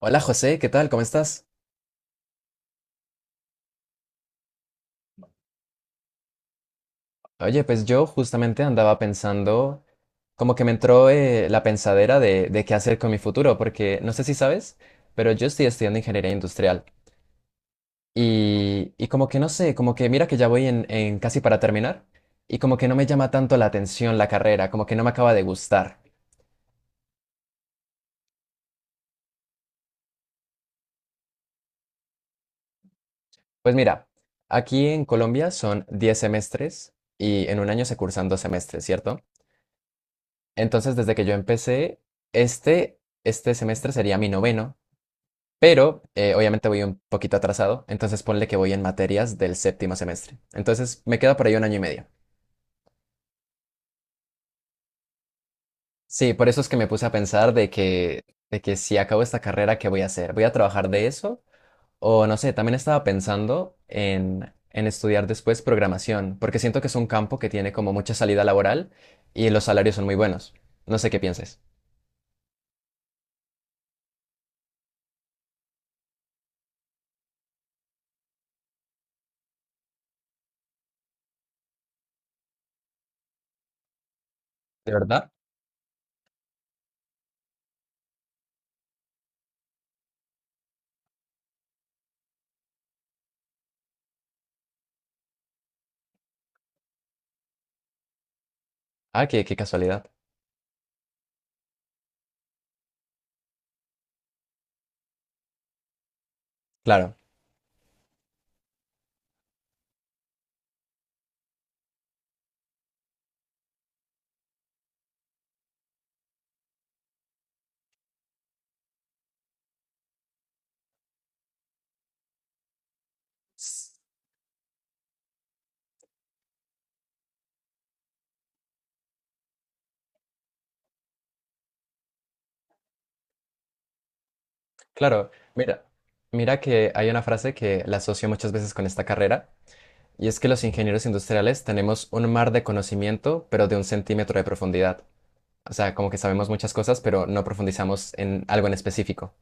Hola José, ¿qué tal? ¿Cómo estás? Oye, pues yo justamente andaba pensando, como que me entró la pensadera de qué hacer con mi futuro, porque no sé si sabes, pero yo estoy estudiando ingeniería industrial y como que no sé, como que mira que ya voy en casi para terminar y como que no me llama tanto la atención la carrera, como que no me acaba de gustar. Pues mira, aquí en Colombia son 10 semestres y en un año se cursan 2 semestres, ¿cierto? Entonces, desde que yo empecé, este, este semestre sería mi noveno. Pero obviamente voy un poquito atrasado, entonces ponle que voy en materias del séptimo semestre. Entonces me queda por ahí un año y medio. Sí, por eso es que me puse a pensar de que si acabo esta carrera, ¿qué voy a hacer? ¿Voy a trabajar de eso? O no sé, también estaba pensando en estudiar después programación, porque siento que es un campo que tiene como mucha salida laboral y los salarios son muy buenos. No sé qué pienses. ¿De verdad? Ah, qué casualidad. Claro. Claro, mira, mira que hay una frase que la asocio muchas veces con esta carrera, y es que los ingenieros industriales tenemos un mar de conocimiento, pero de un centímetro de profundidad. O sea, como que sabemos muchas cosas, pero no profundizamos en algo en específico.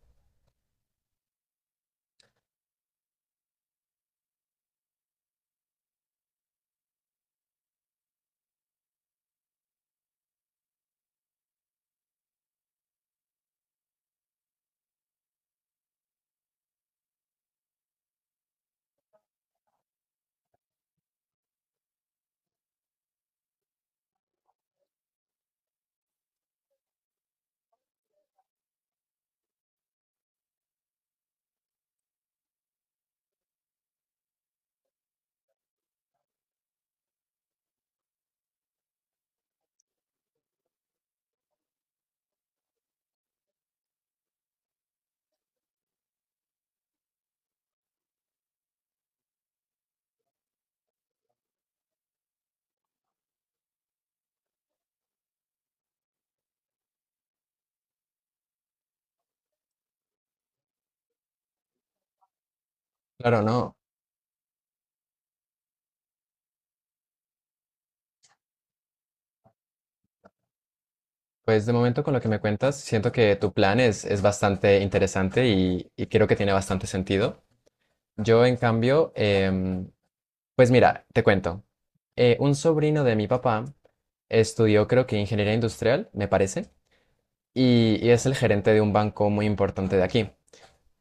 Claro, no. Pues de momento con lo que me cuentas, siento que tu plan es bastante interesante y creo que tiene bastante sentido. Yo, en cambio, pues mira, te cuento. Un sobrino de mi papá estudió, creo que ingeniería industrial, me parece. Y es el gerente de un banco muy importante de aquí.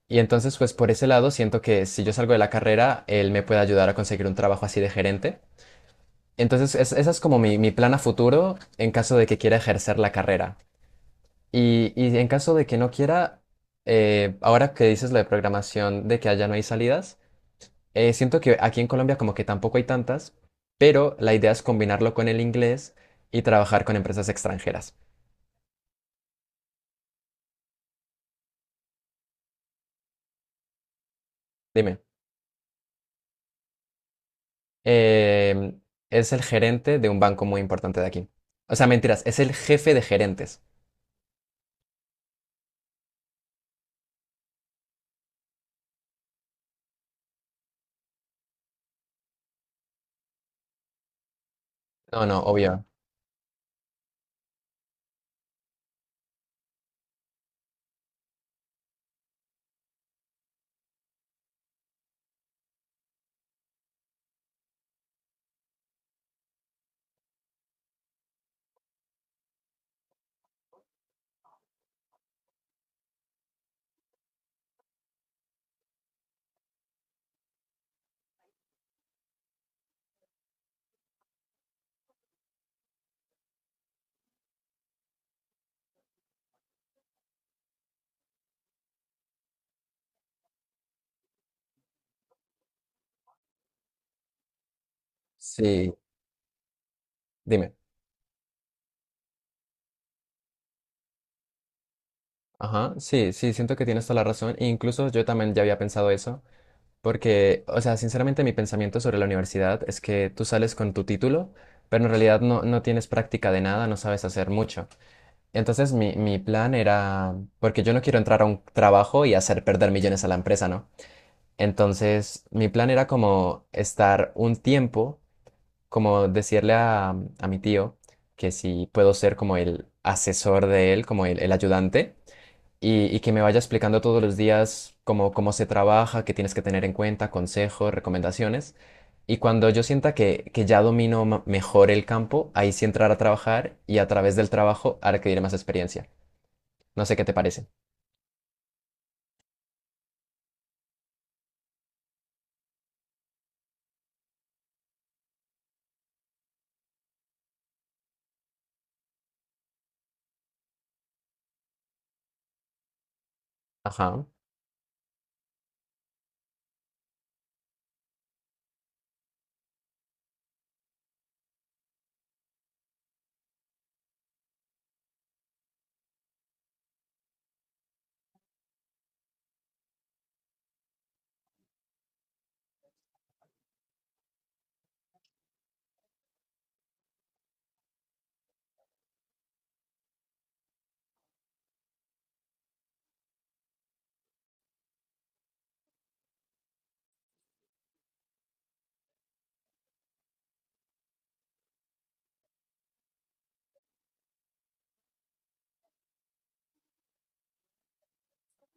Y entonces, pues por ese lado, siento que si yo salgo de la carrera, él me puede ayudar a conseguir un trabajo así de gerente. Entonces, esa es como mi plan a futuro en caso de que quiera ejercer la carrera. Y en caso de que no quiera, ahora que dices lo de programación, de que allá no hay salidas, siento que aquí en Colombia como que tampoco hay tantas, pero la idea es combinarlo con el inglés y trabajar con empresas extranjeras. Dime. eh, es el gerente de un banco muy importante de aquí. O sea, mentiras, es el jefe de gerentes. No, no, obvio. Sí, dime. Ajá, sí, sí, siento que tienes toda la razón. E incluso yo también ya había pensado eso, porque, o sea, sinceramente mi pensamiento sobre la universidad es que tú sales con tu título, pero en realidad no, no tienes práctica de nada, no sabes hacer mucho. Entonces mi plan era, porque yo no quiero entrar a un trabajo y hacer perder millones a la empresa, ¿no? Entonces, mi plan era como estar un tiempo, como decirle a mi tío que si puedo ser como el asesor de él, como el ayudante, y que me vaya explicando todos los días cómo se trabaja, qué tienes que tener en cuenta, consejos, recomendaciones. Y cuando yo sienta que ya domino mejor el campo, ahí sí entrar a trabajar y a través del trabajo adquirir más experiencia. No sé qué te parece. Ajá.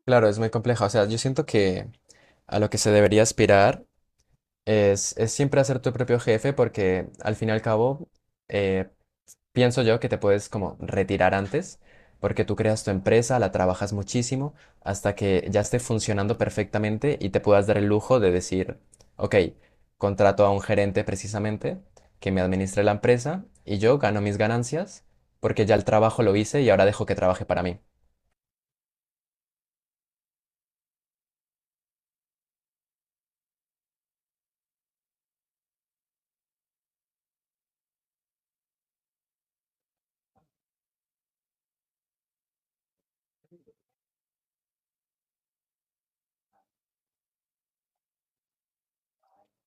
Claro, es muy compleja. O sea, yo siento que a lo que se debería aspirar es siempre hacer tu propio jefe porque al fin y al cabo eh, pienso yo que te puedes como retirar antes porque tú creas tu empresa, la trabajas muchísimo hasta que ya esté funcionando perfectamente y te puedas dar el lujo de decir, ok, contrato a un gerente precisamente que me administre la empresa y yo gano mis ganancias porque ya el trabajo lo hice y ahora dejo que trabaje para mí.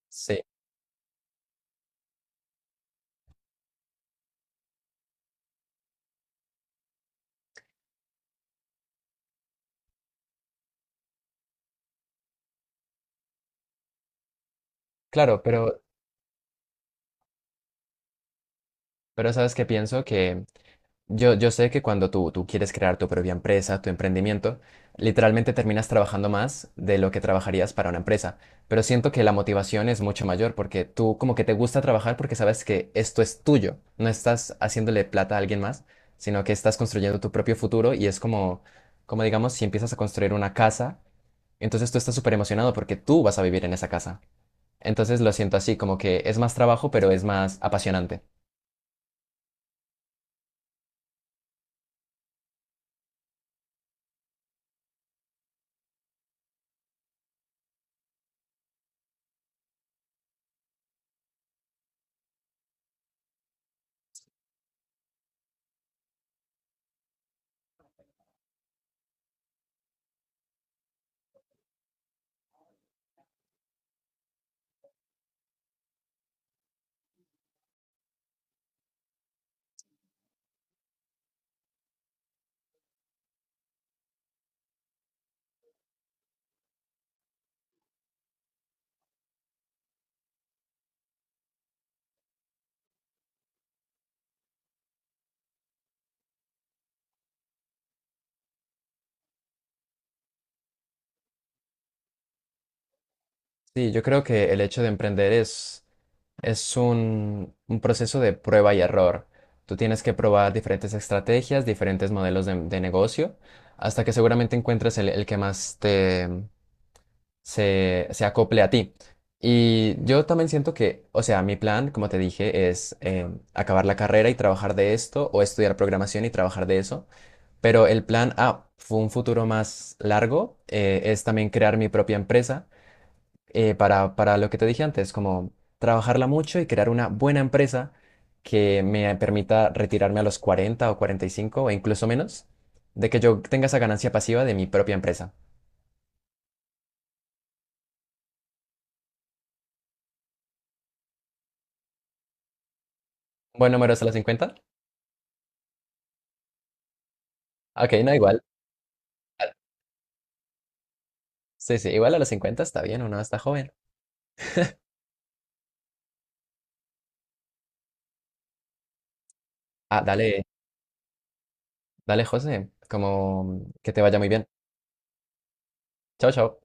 Sí, claro, pero sabes que pienso que yo sé que cuando tú quieres crear tu propia empresa, tu emprendimiento, literalmente terminas trabajando más de lo que trabajarías para una empresa, pero siento que la motivación es mucho mayor porque tú como que te gusta trabajar porque sabes que esto es tuyo, no estás haciéndole plata a alguien más, sino que estás construyendo tu propio futuro y es como, como digamos, si empiezas a construir una casa, entonces tú estás súper emocionado porque tú vas a vivir en esa casa. Entonces lo siento así, como que es más trabajo, pero es más apasionante. Sí, yo creo que el hecho de emprender es... Es un proceso de prueba y error. Tú tienes que probar diferentes estrategias, diferentes modelos de negocio, hasta que seguramente encuentres el que más te se, se acople a ti. Y yo también siento que, o sea, mi plan, como te dije, es acabar la carrera y trabajar de esto, o estudiar programación y trabajar de eso. Pero el plan A, fue un futuro más largo, es también crear mi propia empresa para lo que te dije antes, como trabajarla mucho y crear una buena empresa que me permita retirarme a los 40 o 45 o incluso menos, de que yo tenga esa ganancia pasiva de mi propia empresa. ¿Buen número es a los 50? Ok, no, igual. Sí, sí, igual a los 50 está bien, uno está joven. Ah, dale, dale, José, como que te vaya muy bien. Chao, chao.